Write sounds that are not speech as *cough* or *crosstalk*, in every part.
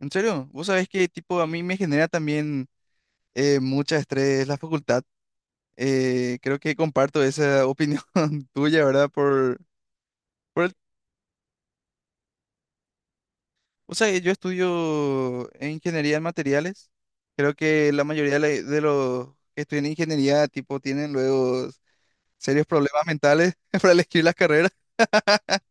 En serio, vos sabés que tipo a mí me genera también mucho estrés la facultad. Creo que comparto esa opinión *laughs* tuya, ¿verdad? Por el- o sea, yo estudio en ingeniería en materiales. Creo que la mayoría de los que estudian ingeniería tipo tienen luego serios problemas mentales *laughs* para elegir las carreras. *laughs*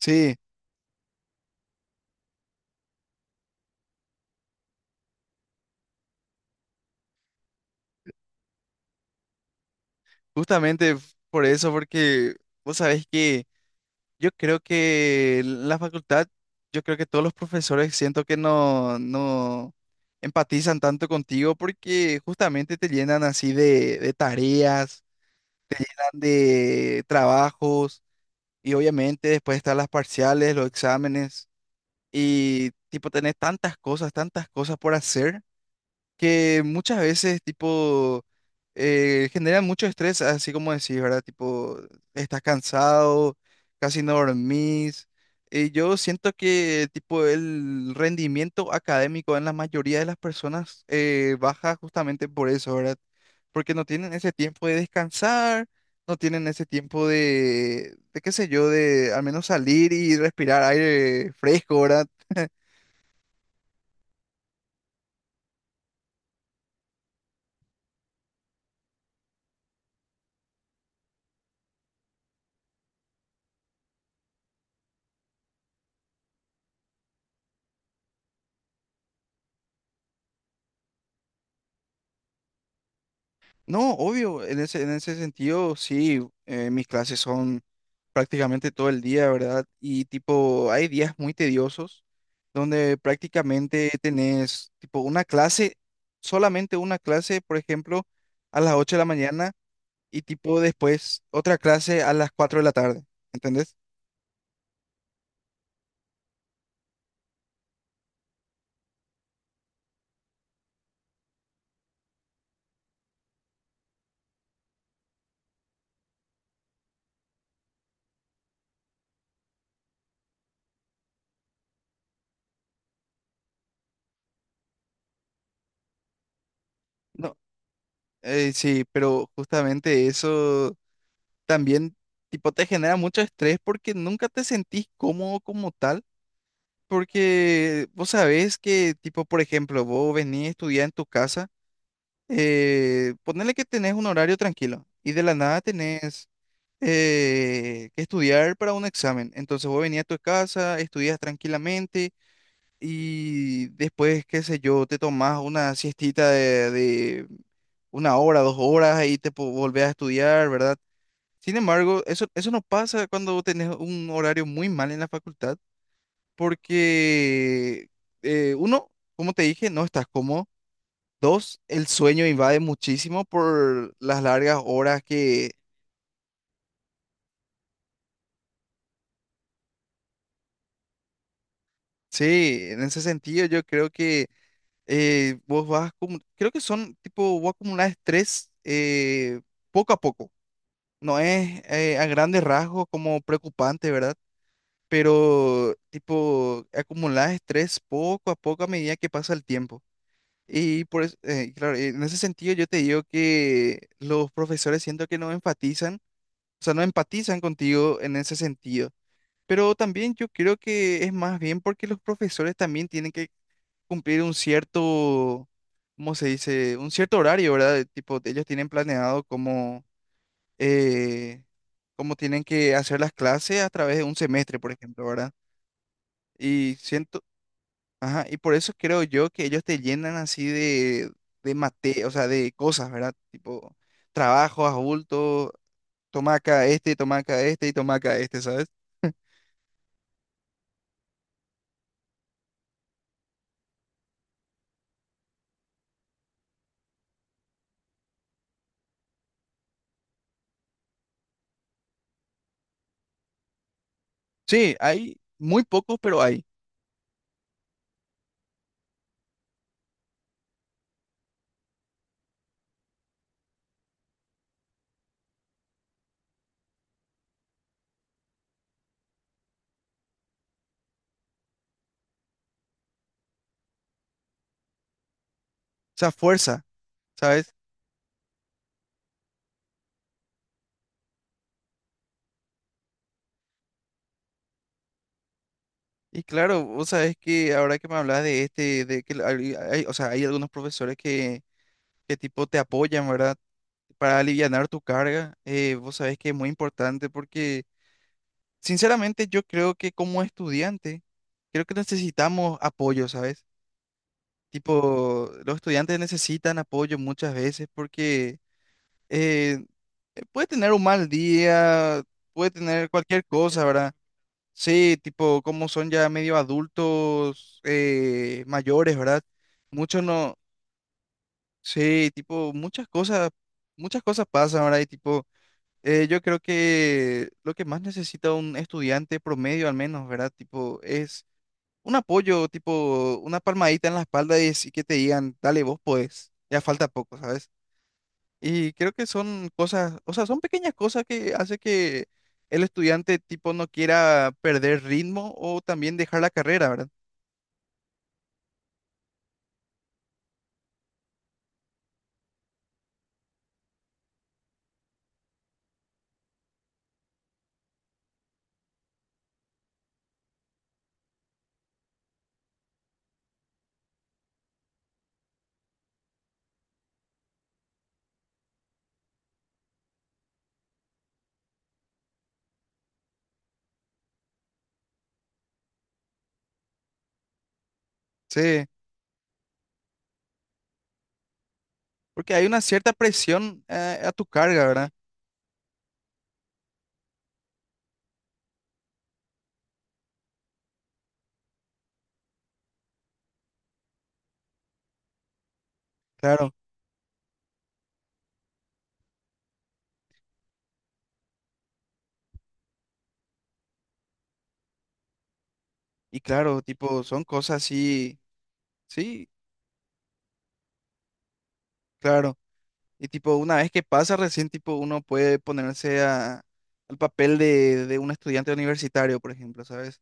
Sí, justamente por eso, porque vos sabés que yo creo que la facultad, yo creo que todos los profesores siento que no empatizan tanto contigo porque justamente te llenan así de tareas, te llenan de trabajos y obviamente después están las parciales, los exámenes y tipo tenés tantas cosas por hacer que muchas veces, tipo, generan mucho estrés, así como decís, ¿verdad? Tipo, estás cansado, casi no dormís. Y yo siento que, tipo, el rendimiento académico en la mayoría de las personas baja justamente por eso, ¿verdad? Porque no tienen ese tiempo de descansar, no tienen ese tiempo de qué sé yo, de al menos salir y respirar aire fresco, ¿verdad? No, obvio, en ese sentido, sí, mis clases son prácticamente todo el día, ¿verdad? Y tipo, hay días muy tediosos donde prácticamente tenés tipo una clase, solamente una clase, por ejemplo, a las ocho de la mañana y tipo después otra clase a las 4 de la tarde, ¿entendés? No, sí, pero justamente eso también tipo te genera mucho estrés porque nunca te sentís cómodo como tal. Porque vos sabés que, tipo, por ejemplo, vos venís a estudiar en tu casa, ponele que tenés un horario tranquilo y de la nada tenés que estudiar para un examen. Entonces vos venís a tu casa, estudias tranquilamente y después, qué sé yo, te tomás una siestita de una hora, dos horas y te volvés a estudiar, ¿verdad? Sin embargo, eso no pasa cuando tenés un horario muy mal en la facultad porque uno, como te dije, no estás cómodo. Dos, el sueño invade muchísimo por las largas horas que, sí, en ese sentido yo creo que vos vas, creo que son tipo, vos acumular estrés poco a poco. No es a grandes rasgos como preocupante, ¿verdad? Pero tipo, acumular estrés poco a poco a medida que pasa el tiempo. Y por eso, claro, en ese sentido yo te digo que los profesores siento que no enfatizan, o sea, no empatizan contigo en ese sentido. Pero también yo creo que es más bien porque los profesores también tienen que cumplir un cierto, ¿cómo se dice? Un cierto horario, ¿verdad? Tipo, ellos tienen planeado cómo, eh, cómo tienen que hacer las clases a través de un semestre, por ejemplo, ¿verdad? Y siento, ajá, y por eso creo yo que ellos te llenan así o sea, de cosas, ¿verdad? Tipo, trabajo, adulto, toma acá este y toma acá este, ¿sabes? Sí, hay muy pocos, pero hay. O sea, fuerza, ¿sabes? Y claro, vos sabés que ahora que me hablas de este, de que o sea, hay algunos profesores que tipo te apoyan, ¿verdad? Para alivianar tu carga, vos sabés que es muy importante porque sinceramente, yo creo que como estudiante, creo que necesitamos apoyo, ¿sabes? Tipo, los estudiantes necesitan apoyo muchas veces porque eh, puede tener un mal día, puede tener cualquier cosa, ¿verdad? Sí, tipo, como son ya medio adultos mayores, ¿verdad? Muchos no, sí, tipo, muchas cosas pasan, ¿verdad? Y tipo, yo creo que lo que más necesita un estudiante promedio al menos, ¿verdad? Tipo, es un apoyo, tipo una palmadita en la espalda y, así que te digan, dale, vos podés, ya falta poco, ¿sabes? Y creo que son cosas, o sea, son pequeñas cosas que hace que el estudiante tipo no quiera perder ritmo o también dejar la carrera, ¿verdad? Sí, porque hay una cierta presión a tu carga, ¿verdad? Claro, y claro, tipo, son cosas así, sí, claro. Y tipo, una vez que pasa recién, tipo, uno puede ponerse a, al papel de un estudiante universitario, por ejemplo, ¿sabes?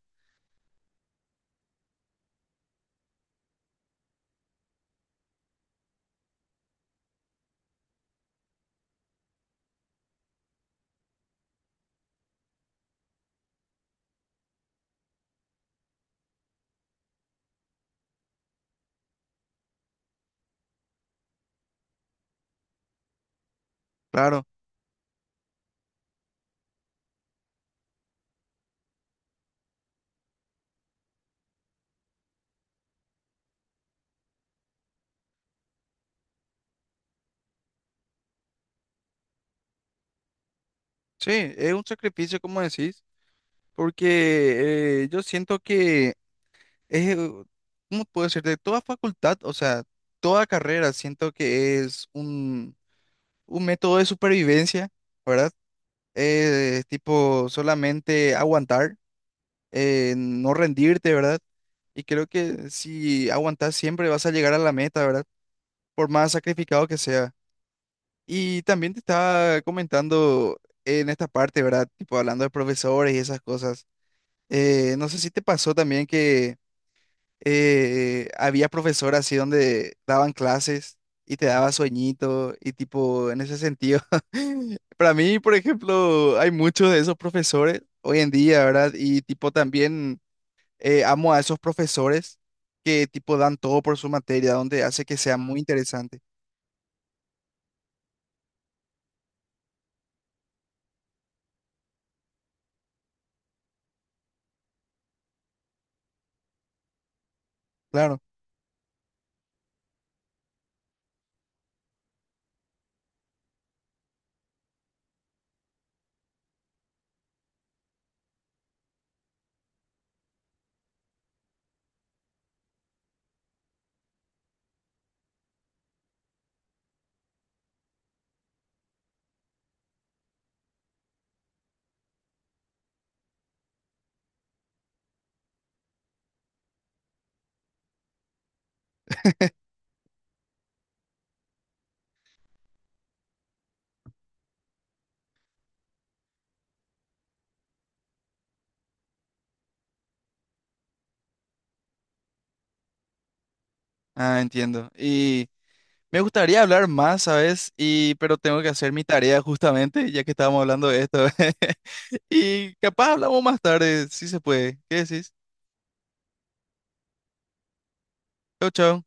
Claro, sí, es un sacrificio, como decís, porque yo siento que es, ¿cómo puedo decir? De toda facultad, o sea, toda carrera, siento que es un método de supervivencia, ¿verdad? Es tipo solamente aguantar, no rendirte, ¿verdad? Y creo que si aguantas siempre vas a llegar a la meta, ¿verdad? Por más sacrificado que sea. Y también te estaba comentando en esta parte, ¿verdad? Tipo hablando de profesores y esas cosas. No sé si te pasó también que había profesor así donde daban clases y te daba sueñito y tipo en ese sentido. *laughs* Para mí, por ejemplo, hay muchos de esos profesores hoy en día, ¿verdad? Y tipo también amo a esos profesores que tipo dan todo por su materia, donde hace que sea muy interesante. Claro. Ah, entiendo. Y me gustaría hablar más, ¿sabes? Y pero tengo que hacer mi tarea justamente, ya que estábamos hablando de esto. *laughs* Y capaz hablamos más tarde, si se puede. ¿Qué decís? Chau, chau.